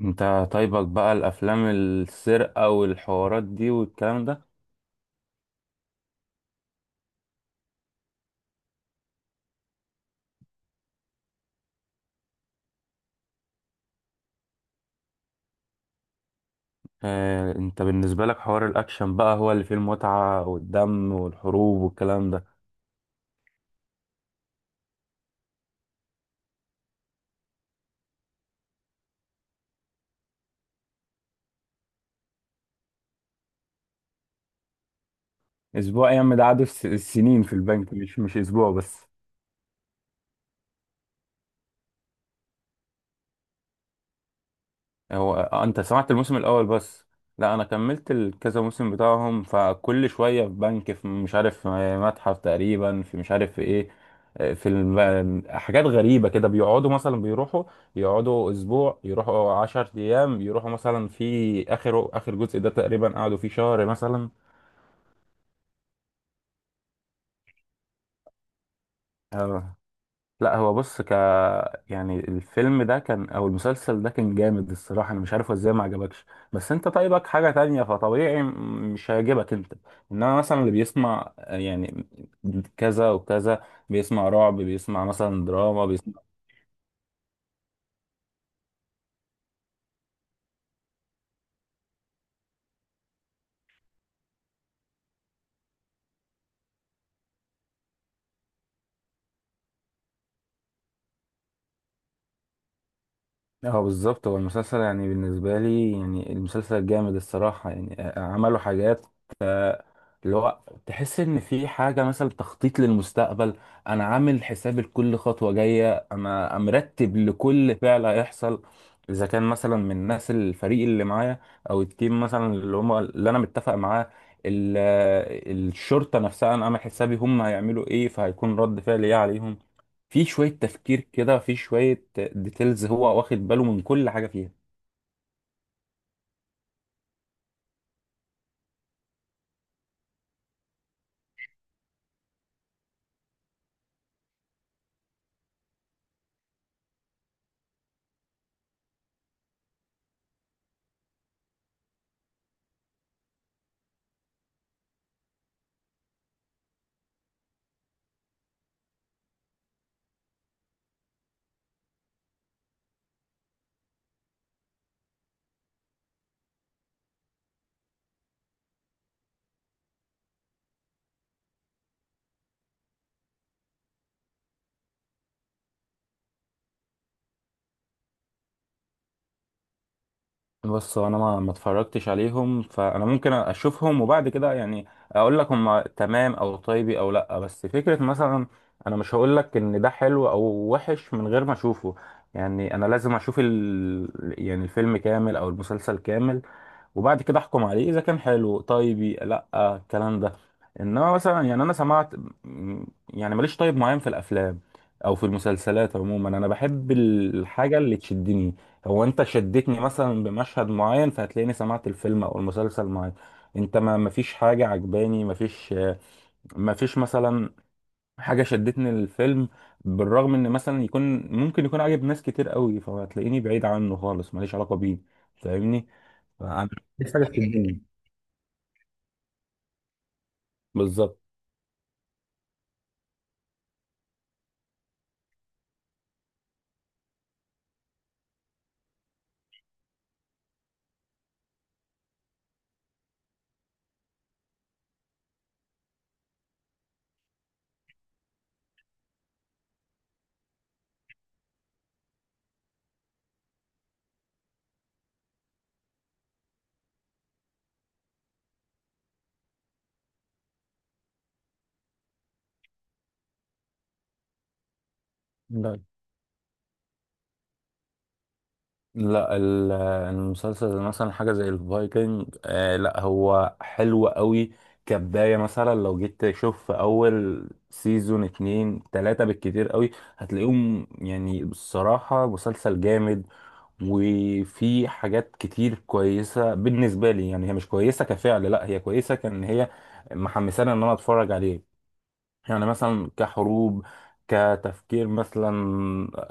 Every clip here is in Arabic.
انت طيبك بقى الافلام السرقه والحوارات دي والكلام ده؟ انت بالنسبه لك حوار الاكشن بقى هو اللي فيه المتعه والدم والحروب والكلام ده؟ اسبوع ايام ده قعدوا السنين في البنك، مش اسبوع بس. هو انت سمعت الموسم الاول بس؟ لا، انا كملت الكذا موسم بتاعهم، فكل شويه في بنك، في مش عارف متحف تقريبا، في مش عارف في ايه. في حاجات غريبه كده بيقعدوا مثلا بيروحوا. يقعدوا اسبوع، يروحوا 10 ايام، يروحوا مثلا في اخر اخر جزء ده تقريبا قعدوا فيه شهر مثلا. لا، هو بص. يعني الفيلم ده كان او المسلسل ده كان جامد الصراحه، انا مش عارف هو ازاي ما عجبكش. بس انت طيبك حاجه تانية، فطبيعي مش هيعجبك انت. انما مثلا اللي بيسمع يعني كذا وكذا، بيسمع رعب، بيسمع مثلا دراما، بيسمع. اه، بالظبط، هو المسلسل يعني بالنسبه لي، يعني المسلسل جامد الصراحه، يعني عملوا حاجات اللي هو تحس ان في حاجه مثلا تخطيط للمستقبل. انا عامل حساب لكل خطوه جايه، انا مرتب لكل فعل هيحصل، اذا كان مثلا من الناس الفريق اللي معايا او التيم مثلا اللي هم اللي انا متفق معاه. ال- الشرطه نفسها انا عامل حسابي هم هيعملوا ايه، فهيكون رد فعل ايه عليهم. في شويه تفكير كده، في شويه ديتيلز، هو واخد باله من كل حاجه فيها. بص، هو انا ما اتفرجتش عليهم، فانا ممكن اشوفهم وبعد كده يعني اقول لك هم تمام او طيبي او لا. بس فكره مثلا، انا مش هقول لك ان ده حلو او وحش من غير ما اشوفه. يعني انا لازم اشوف يعني الفيلم كامل او المسلسل كامل، وبعد كده احكم عليه اذا كان حلو طيبي لا، الكلام ده. انما مثلا يعني انا سمعت م- يعني ماليش طيب معين في الافلام او في المسلسلات عموما. انا بحب الحاجه اللي تشدني. هو انت شدتني مثلا بمشهد معين، فهتلاقيني سمعت الفيلم او المسلسل معاك. انت ما مفيش حاجة عجباني، مفيش مثلا حاجة شدتني للفيلم، بالرغم ان مثلا يكون ممكن يكون عاجب ناس كتير قوي، فهتلاقيني بعيد عنه خالص، ماليش علاقة بيه. فاهمني؟ فانا مفيش حاجة تشدني بالظبط. لا، لا، المسلسل زي مثلا حاجة زي الفايكنج، آه، لا، هو حلو قوي كبداية. مثلا لو جيت تشوف في أول سيزون 2-3 بالكتير قوي، هتلاقيهم يعني بصراحة مسلسل جامد. وفي حاجات كتير كويسة بالنسبة لي، يعني هي مش كويسة كفعل، لا، هي كويسة كان هي محمسانة إن أنا أتفرج عليه. يعني مثلا كحروب، كتفكير مثلا،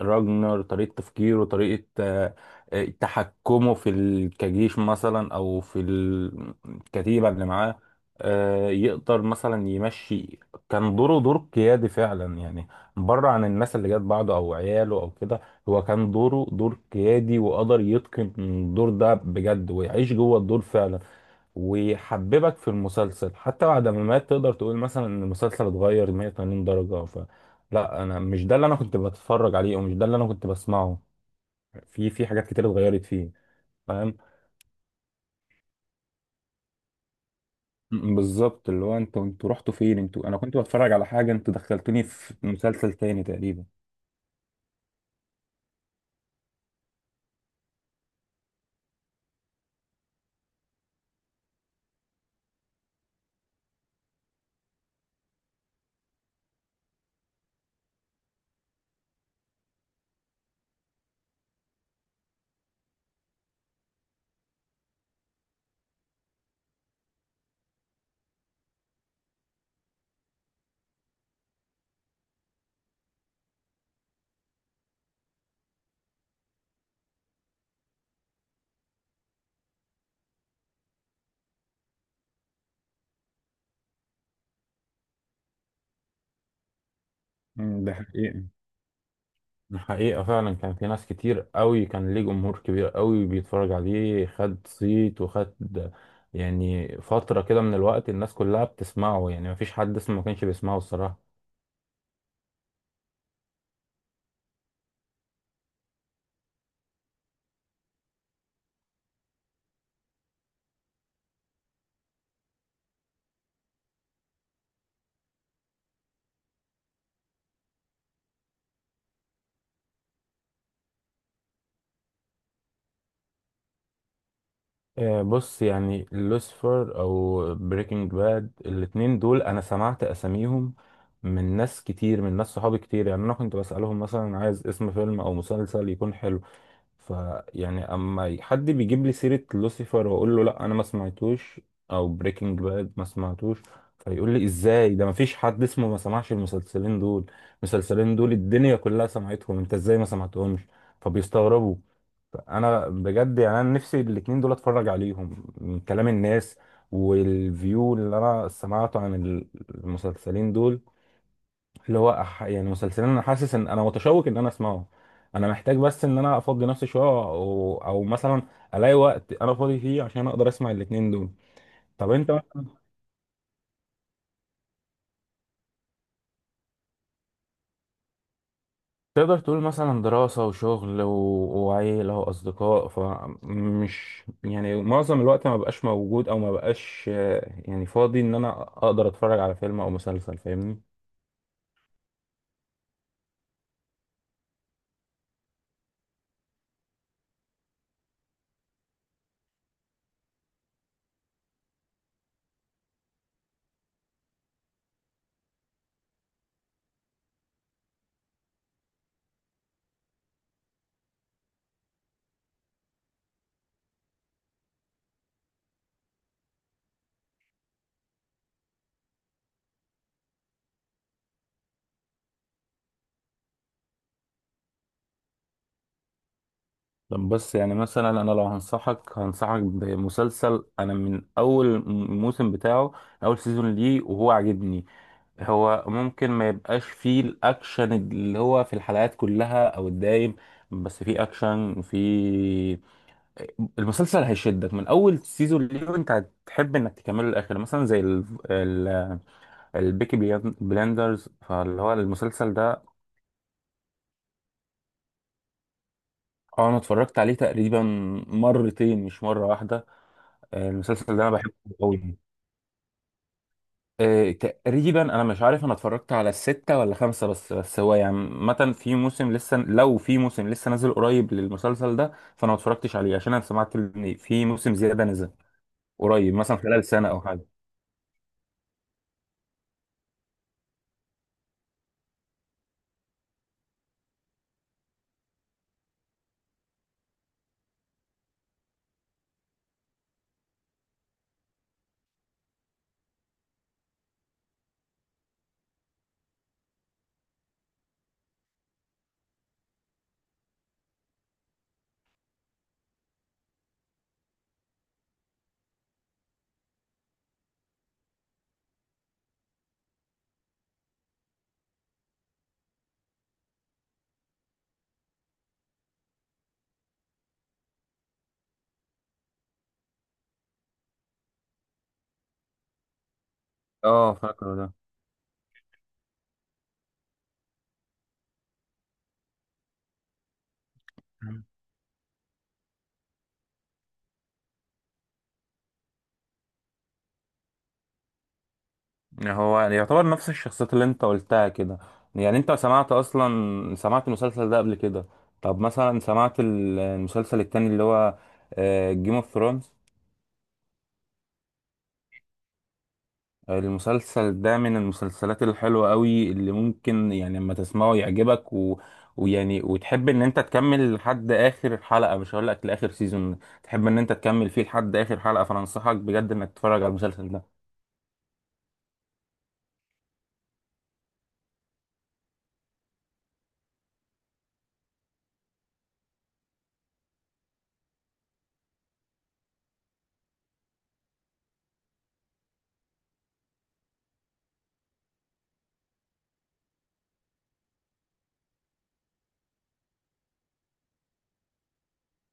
راجنر طريقة تفكيره، طريقة تحكمه في كجيش مثلا أو في الكتيبة اللي معاه، يقدر مثلا يمشي. كان دوره دور قيادي فعلا يعني، بره عن الناس اللي جت بعده أو عياله أو كده. هو كان دوره دور قيادي وقدر يتقن الدور ده بجد، ويعيش جوه الدور فعلا، ويحببك في المسلسل. حتى بعد ما مات تقدر تقول مثلا ان المسلسل اتغير 180 درجة. ف لا، انا مش ده اللي انا كنت بتفرج عليه، ومش ده اللي انا كنت بسمعه. في حاجات كتير اتغيرت فيه. فاهم؟ بالظبط، اللي هو انتوا رحتوا فين؟ انتوا انا كنت بتفرج على حاجة، انتوا دخلتوني في مسلسل تاني تقريبا. م، ده حقيقي. الحقيقة فعلا كان في ناس كتير قوي، كان ليه جمهور كبير قوي بيتفرج عليه. خد صيت وخد، يعني فترة كده من الوقت الناس كلها بتسمعه. يعني مفيش حد اسمه ما كانش بيسمعه الصراحة. بص، يعني لوسيفر او بريكنج باد، الاتنين دول انا سمعت اساميهم من ناس كتير، من ناس صحابي كتير. يعني انا كنت بسألهم مثلا عايز اسم فيلم او مسلسل يكون حلو، فيعني اما حد بيجيب لي سيرة لوسيفر واقول له لا، انا ما سمعتوش، او بريكنج باد ما سمعتوش، فيقول لي ازاي؟ ده ما فيش حد اسمه ما سمعش المسلسلين دول. المسلسلين دول الدنيا كلها سمعتهم، انت ازاي ما سمعتهمش؟ فبيستغربوا. انا بجد يعني انا نفسي الاتنين دول اتفرج عليهم، من كلام الناس والفيو اللي انا سمعته عن المسلسلين دول، اللي هو يعني مسلسلين انا حاسس ان انا متشوق ان انا اسمعه. انا محتاج بس ان انا افضي نفسي شويه، او مثلا الاقي وقت انا فاضي فيه عشان اقدر اسمع الاتنين دول. طب انت مثلا تقدر تقول مثلا دراسه وشغل وعيله واصدقاء، فمش يعني معظم الوقت ما بقاش موجود، او ما بقاش يعني فاضي ان انا اقدر اتفرج على فيلم او مسلسل. فاهمني؟ طب بس يعني مثلا انا لو هنصحك بمسلسل، انا من اول موسم بتاعه، اول سيزون ليه وهو عاجبني. هو ممكن ما يبقاش فيه الاكشن اللي هو في الحلقات كلها او الدايم، بس فيه اكشن في المسلسل هيشدك من اول سيزون ليه، وانت هتحب انك تكمله للاخر. مثلا زي ال... البيكي بلاندرز، فاللي هو المسلسل ده. اه، انا اتفرجت عليه تقريبا مرتين، مش مرة واحدة. المسلسل ده انا بحبه قوي. تقريبا انا مش عارف انا اتفرجت على الستة ولا خمسة بس هو يعني مثلا في موسم لسه، لو في موسم لسه نازل قريب للمسلسل ده فانا ما اتفرجتش عليه، عشان انا سمعت ان في موسم زيادة نزل قريب مثلا خلال سنة او حاجة. اه، فاكره ده. يعني هو يعني يعتبر نفس الشخصيات اللي انت قلتها كده. يعني انت سمعت اصلا سمعت المسلسل ده قبل كده؟ طب مثلا سمعت المسلسل التاني اللي هو جيم اوف ثرونز؟ المسلسل ده من المسلسلات الحلوة قوي اللي ممكن يعني لما تسمعه يعجبك ويعني وتحب ان انت تكمل لحد اخر حلقة. مش هقول لك لاخر سيزون، تحب ان انت تكمل فيه لحد اخر حلقة، فانصحك بجد انك تتفرج على المسلسل ده.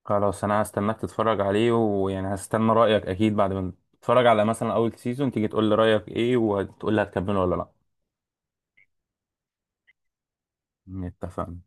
خلاص، انا هستناك تتفرج عليه، ويعني هستنى رأيك اكيد بعد ما تتفرج على مثلا اول سيزون تيجي تقول لي رأيك ايه، وتقول لي هتكمله ولا لا. اتفقنا.